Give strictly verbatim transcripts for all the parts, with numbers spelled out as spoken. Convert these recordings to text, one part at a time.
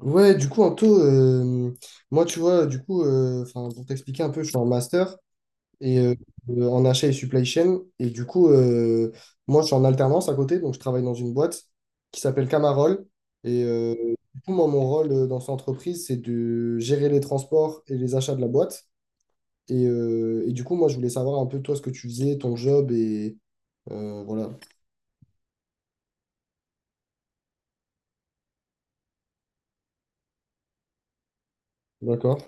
Ouais, du coup, Anto, euh, moi, tu vois, du coup, euh, enfin, pour t'expliquer un peu, je suis en master et, euh, euh, en achat et supply chain. Et du coup, euh, moi, je suis en alternance à côté, donc je travaille dans une boîte qui s'appelle Camarol. Et euh, du coup, moi, mon rôle euh, dans cette entreprise, c'est de gérer les transports et les achats de la boîte. Et, euh, et du coup, moi, je voulais savoir un peu, toi, ce que tu faisais, ton job et euh, voilà. D'accord.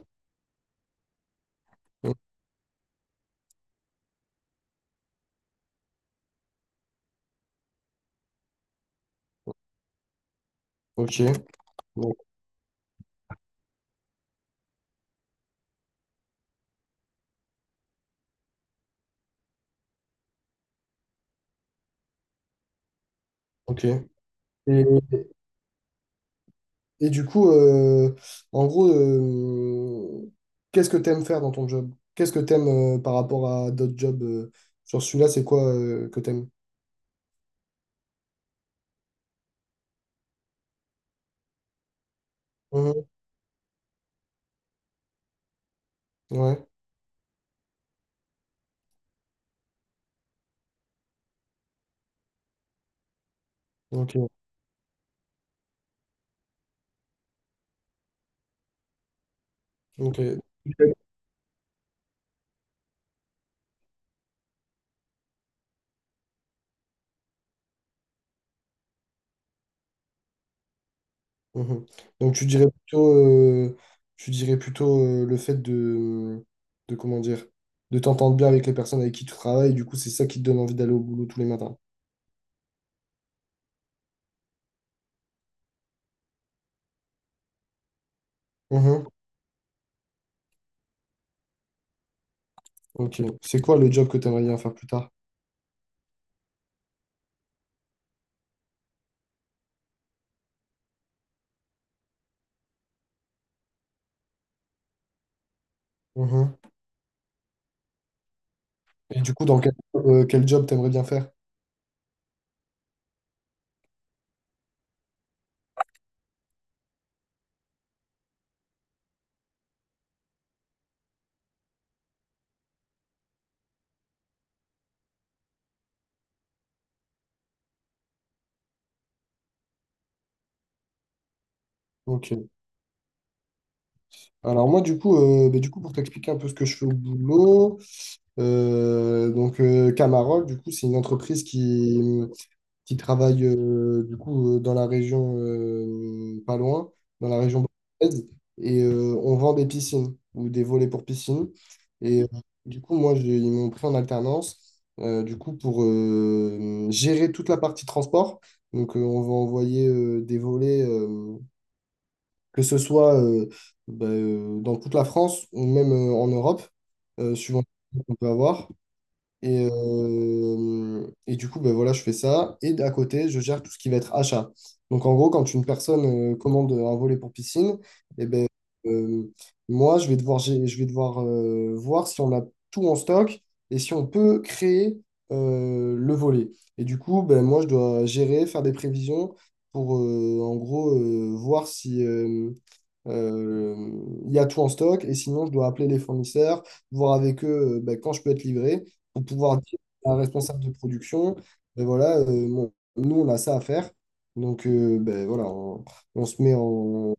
Ok. Bon, ok. Et, Et du coup, euh, en gros, euh, qu'est-ce que tu aimes faire dans ton job? Qu'est-ce que tu aimes par rapport à d'autres jobs? euh, sur celui-là, c'est quoi euh, que tu aimes? Ouais, ok, ok. Mhm. Donc tu dirais plutôt, euh, tu dirais plutôt euh, le fait de, de comment dire, de t'entendre bien avec les personnes avec qui tu travailles, du coup c'est ça qui te donne envie d'aller au boulot tous les matins. Mhm. Ok. C'est quoi le job que tu aimerais bien faire plus tard? Mhm. Et du coup, dans quel, euh, quel job t'aimerais bien faire? Ok. Alors moi du coup, euh, bah, du coup pour t'expliquer un peu ce que je fais au boulot, euh, donc euh, Camarol du coup c'est une entreprise qui, qui travaille euh, du coup euh, dans la région euh, pas loin, dans la région bordelaise et euh, on vend des piscines ou des volets pour piscine et euh, du coup moi j'ai- ils m'ont pris en alternance euh, du coup pour euh, gérer toute la partie transport donc euh, on va envoyer euh, des volets euh, que ce soit euh, bah, euh, dans toute la France ou même euh, en Europe, euh, suivant ce qu'on peut avoir. Et, euh, et du coup, ben voilà, je fais ça. Et à côté, je gère tout ce qui va être achat. Donc, en gros, quand une personne euh, commande un volet pour piscine, eh ben, euh, moi, je vais devoir, gé- je vais devoir euh, voir si on a tout en stock et si on peut créer euh, le volet. Et du coup, ben, moi, je dois gérer, faire des prévisions pour, euh, en gros, euh, voir si, euh, euh, il y a tout en stock et sinon je dois appeler les fournisseurs, voir avec eux euh, ben, quand je peux être livré pour pouvoir dire à un responsable de production, ben voilà, euh, mon- nous, on a ça à faire. Donc, euh, ben voilà, on, on se met en,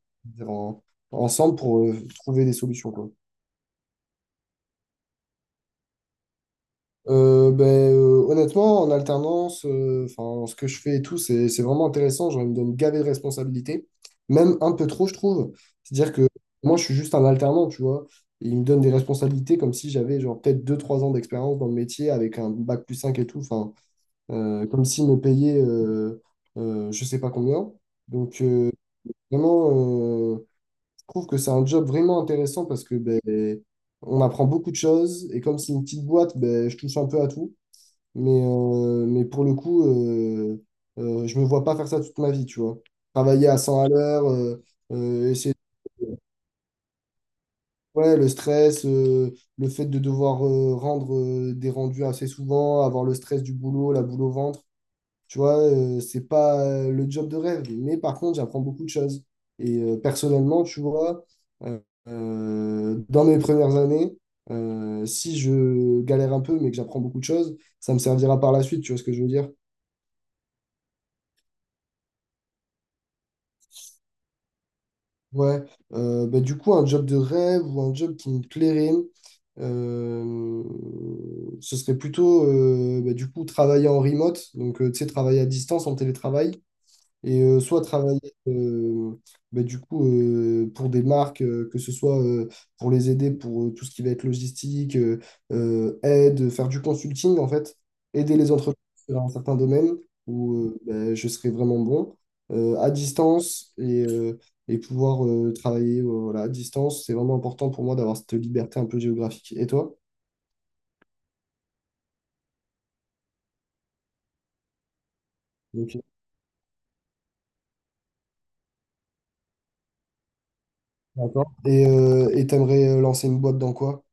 en- ensemble pour euh, trouver des solutions, quoi. Euh, ben, euh, honnêtement, en alternance, euh, enfin, ce que je fais et tout, c'est, c'est vraiment intéressant. Genre, il me donne gavé de responsabilités, même un peu trop, je trouve. C'est-à-dire que moi, je suis juste un alternant, tu vois. Et il me donne des responsabilités comme si j'avais genre peut-être deux trois ans d'expérience dans le métier avec un bac plus cinq et tout. Enfin, euh, comme s'il me payait euh, euh, je sais pas combien. Donc, euh, vraiment, euh, je trouve que c'est un job vraiment intéressant parce que ben, on apprend beaucoup de choses et comme c'est une petite boîte, ben, je touche un peu à tout. Mais, euh, mais pour le coup, euh, euh, je me vois pas faire ça toute ma vie, tu vois. Travailler à cent à l'heure, euh, euh, essayer. Ouais, le stress, euh, le fait de devoir euh, rendre euh, des rendus assez souvent, avoir le stress du boulot, la boule au ventre. Tu vois, euh, c'est pas euh, le job de rêve, mais par contre, j'apprends beaucoup de choses. Et euh, personnellement, tu vois, euh, euh, dans mes premières années, euh, si je galère un peu, mais que j'apprends beaucoup de choses, ça me servira par la suite, tu vois ce que je veux dire? Ouais, euh, bah, du coup, un job de rêve ou un job qui me plairait, euh, ce serait plutôt, euh, bah, du coup, travailler en remote, donc, euh, tu sais, travailler à distance, en télétravail. Et euh, soit travailler euh, bah, du coup euh, pour des marques, euh, que ce soit euh, pour les aider pour euh, tout ce qui va être logistique, euh, euh, aide, faire du consulting en fait, aider les entreprises dans un certain domaine où euh, bah, je serais vraiment bon euh, à distance et, euh, et pouvoir euh, travailler euh, voilà, à distance. C'est vraiment important pour moi d'avoir cette liberté un peu géographique. Et toi? Ok, d'accord. Et euh, et t'aimerais euh, lancer une boîte dans quoi?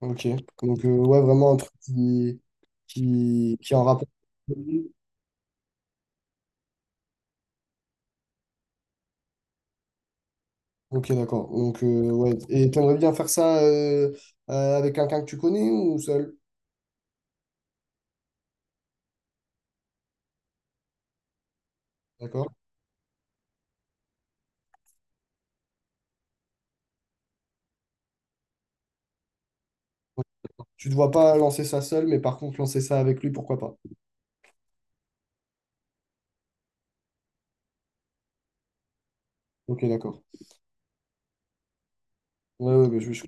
Ok. Donc, euh, ouais, vraiment un truc qui, qui, qui en rapport. Ok, d'accord. Donc, euh, ouais. Et t'aimerais bien faire ça euh, euh, avec quelqu'un que tu connais ou seul? D'accord. Tu ne te vois pas lancer ça seul, mais par contre, lancer ça avec lui, pourquoi pas? Ok, d'accord. Ouais, ouais, bah, je, je-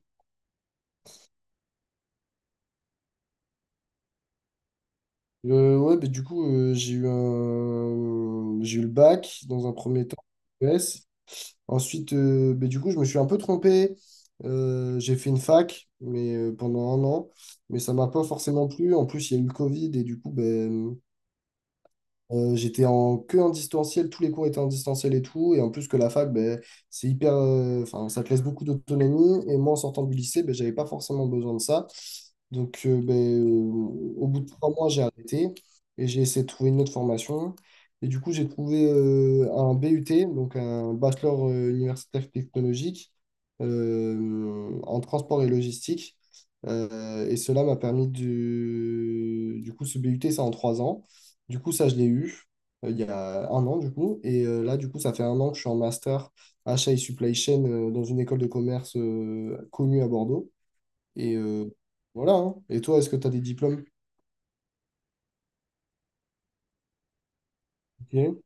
Euh, ouais, bah, du coup, euh, j'ai eu un... j'ai eu le bac dans un premier temps, E S. Ensuite, euh, ben, du coup, je me suis un peu trompé. Euh, j'ai fait une fac mais, euh, pendant un an, mais ça m'a pas forcément plu. En plus, il y a eu le Covid et du coup, ben, euh, j'étais en que en distanciel, tous les cours étaient en distanciel et tout. Et en plus que la fac, ben, c'est hyper, euh, enfin, ça te laisse beaucoup d'autonomie. Et moi, en sortant du lycée, ben, j'avais pas forcément besoin de ça. Donc, euh, ben, euh, au bout de trois mois, j'ai arrêté et j'ai essayé de trouver une autre formation. Et du coup, j'ai trouvé euh, un BUT, donc un bachelor euh, universitaire technologique euh, en transport et logistique. Euh, et cela m'a permis de... Du coup, ce BUT, c'est en trois ans. Du coup, ça, je l'ai eu euh, il y a un an, du coup. Et euh, là, du coup, ça fait un an que je suis en master achat et supply chain euh, dans une école de commerce euh, connue à Bordeaux. Et euh, voilà. Hein. Et toi, est-ce que tu as des diplômes? Ok.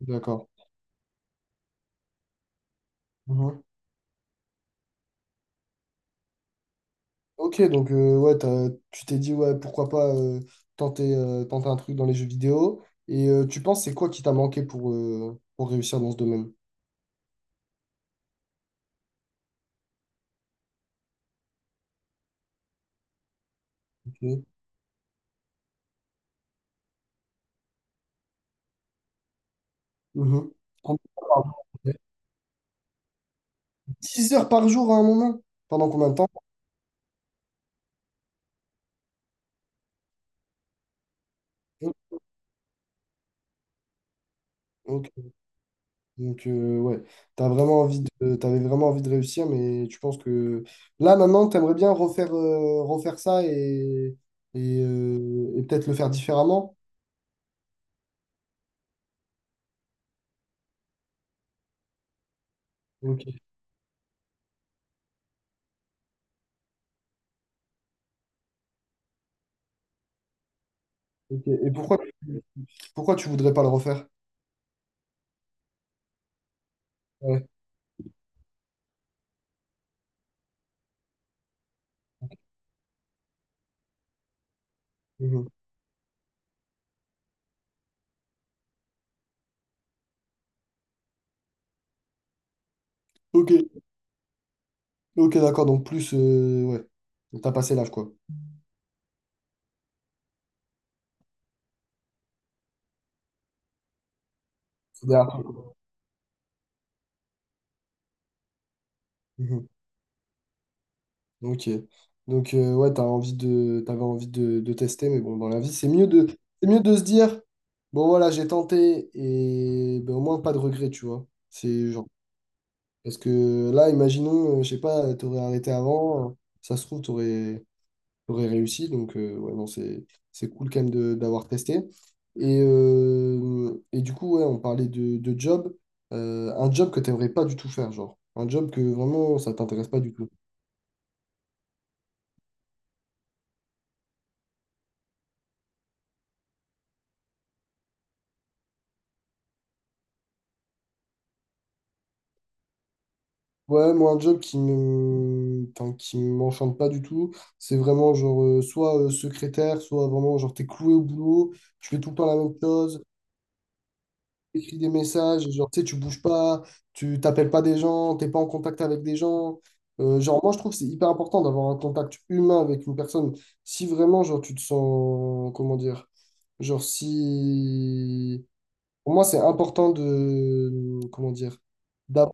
D'accord. Mhm. Ok, donc euh, ouais, t'as- tu t'es dit, ouais, pourquoi pas euh, tenter, euh, tenter un truc dans les jeux vidéo. Et euh, tu penses, c'est quoi qui t'a manqué pour, euh, pour réussir dans ce domaine? Ok. Mhm. Combien de temps par jour? dix heures par jour à un moment? Pendant combien de temps? Ok. Donc, euh, ouais, t'as vraiment envie de, t'avais vraiment envie de réussir, mais tu penses que là, maintenant, t'aimerais bien refaire, euh, refaire ça et, et, euh, et peut-être le faire différemment. Ok. Ok. Et pourquoi, pourquoi tu voudrais pas le refaire? Ouais. Mhm. Ok, ok, d'accord. Donc, plus, euh, ouais, t'as passé l'âge, quoi. C'est derrière toi. Mhm. Ok. Donc, euh, ouais, t'as envie de, t'avais envie de, de tester, mais bon, dans la vie, c'est mieux de, c'est mieux de se dire, bon, voilà, j'ai tenté, et ben, au moins, pas de regret, tu vois. C'est genre, parce que là, imaginons, euh, je sais pas, t'aurais arrêté avant, euh, ça se trouve, t'aurais, t'aurais réussi, donc, euh, ouais, non, c'est, c'est cool quand même de- d'avoir testé. Et, euh, et du coup, ouais, on parlait de, de job. Euh, un job que t'aimerais pas du tout faire, genre, un job que vraiment, ça t'intéresse pas du tout. Ouais, moi, un job qui me... enfin, qui m'enchante pas du tout, c'est vraiment genre euh, soit euh, secrétaire, soit vraiment genre t'es cloué au boulot, tu fais tout le temps la même chose, t'écris des messages, et genre tu sais, tu bouges pas, tu t'appelles pas des gens, t'es pas en contact avec des gens. Euh, genre, moi, je trouve que c'est hyper important d'avoir un contact humain avec une personne. Si vraiment, genre, tu te sens, comment dire, genre, si. Pour moi, c'est important de. Comment dire? D'avoir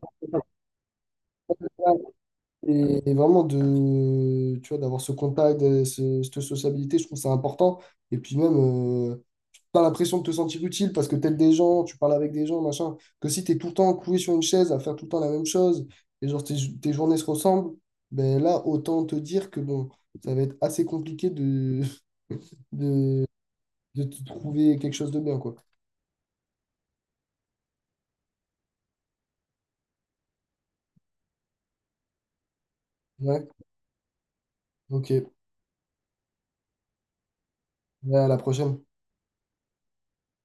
Et et vraiment de, tu vois, d'avoir ce contact, euh, ce- cette sociabilité, je trouve ça important. Et puis même, euh, pas l'impression de te sentir utile parce que t'aides des gens, tu parles avec des gens, machin. Que si t'es tout le temps cloué sur une chaise à faire tout le temps la même chose, et genre tes, tes journées se ressemblent, ben là, autant te dire que bon, ça va être assez compliqué de, de, de te trouver quelque chose de bien, quoi. Ouais, ok. Ouais, à la prochaine.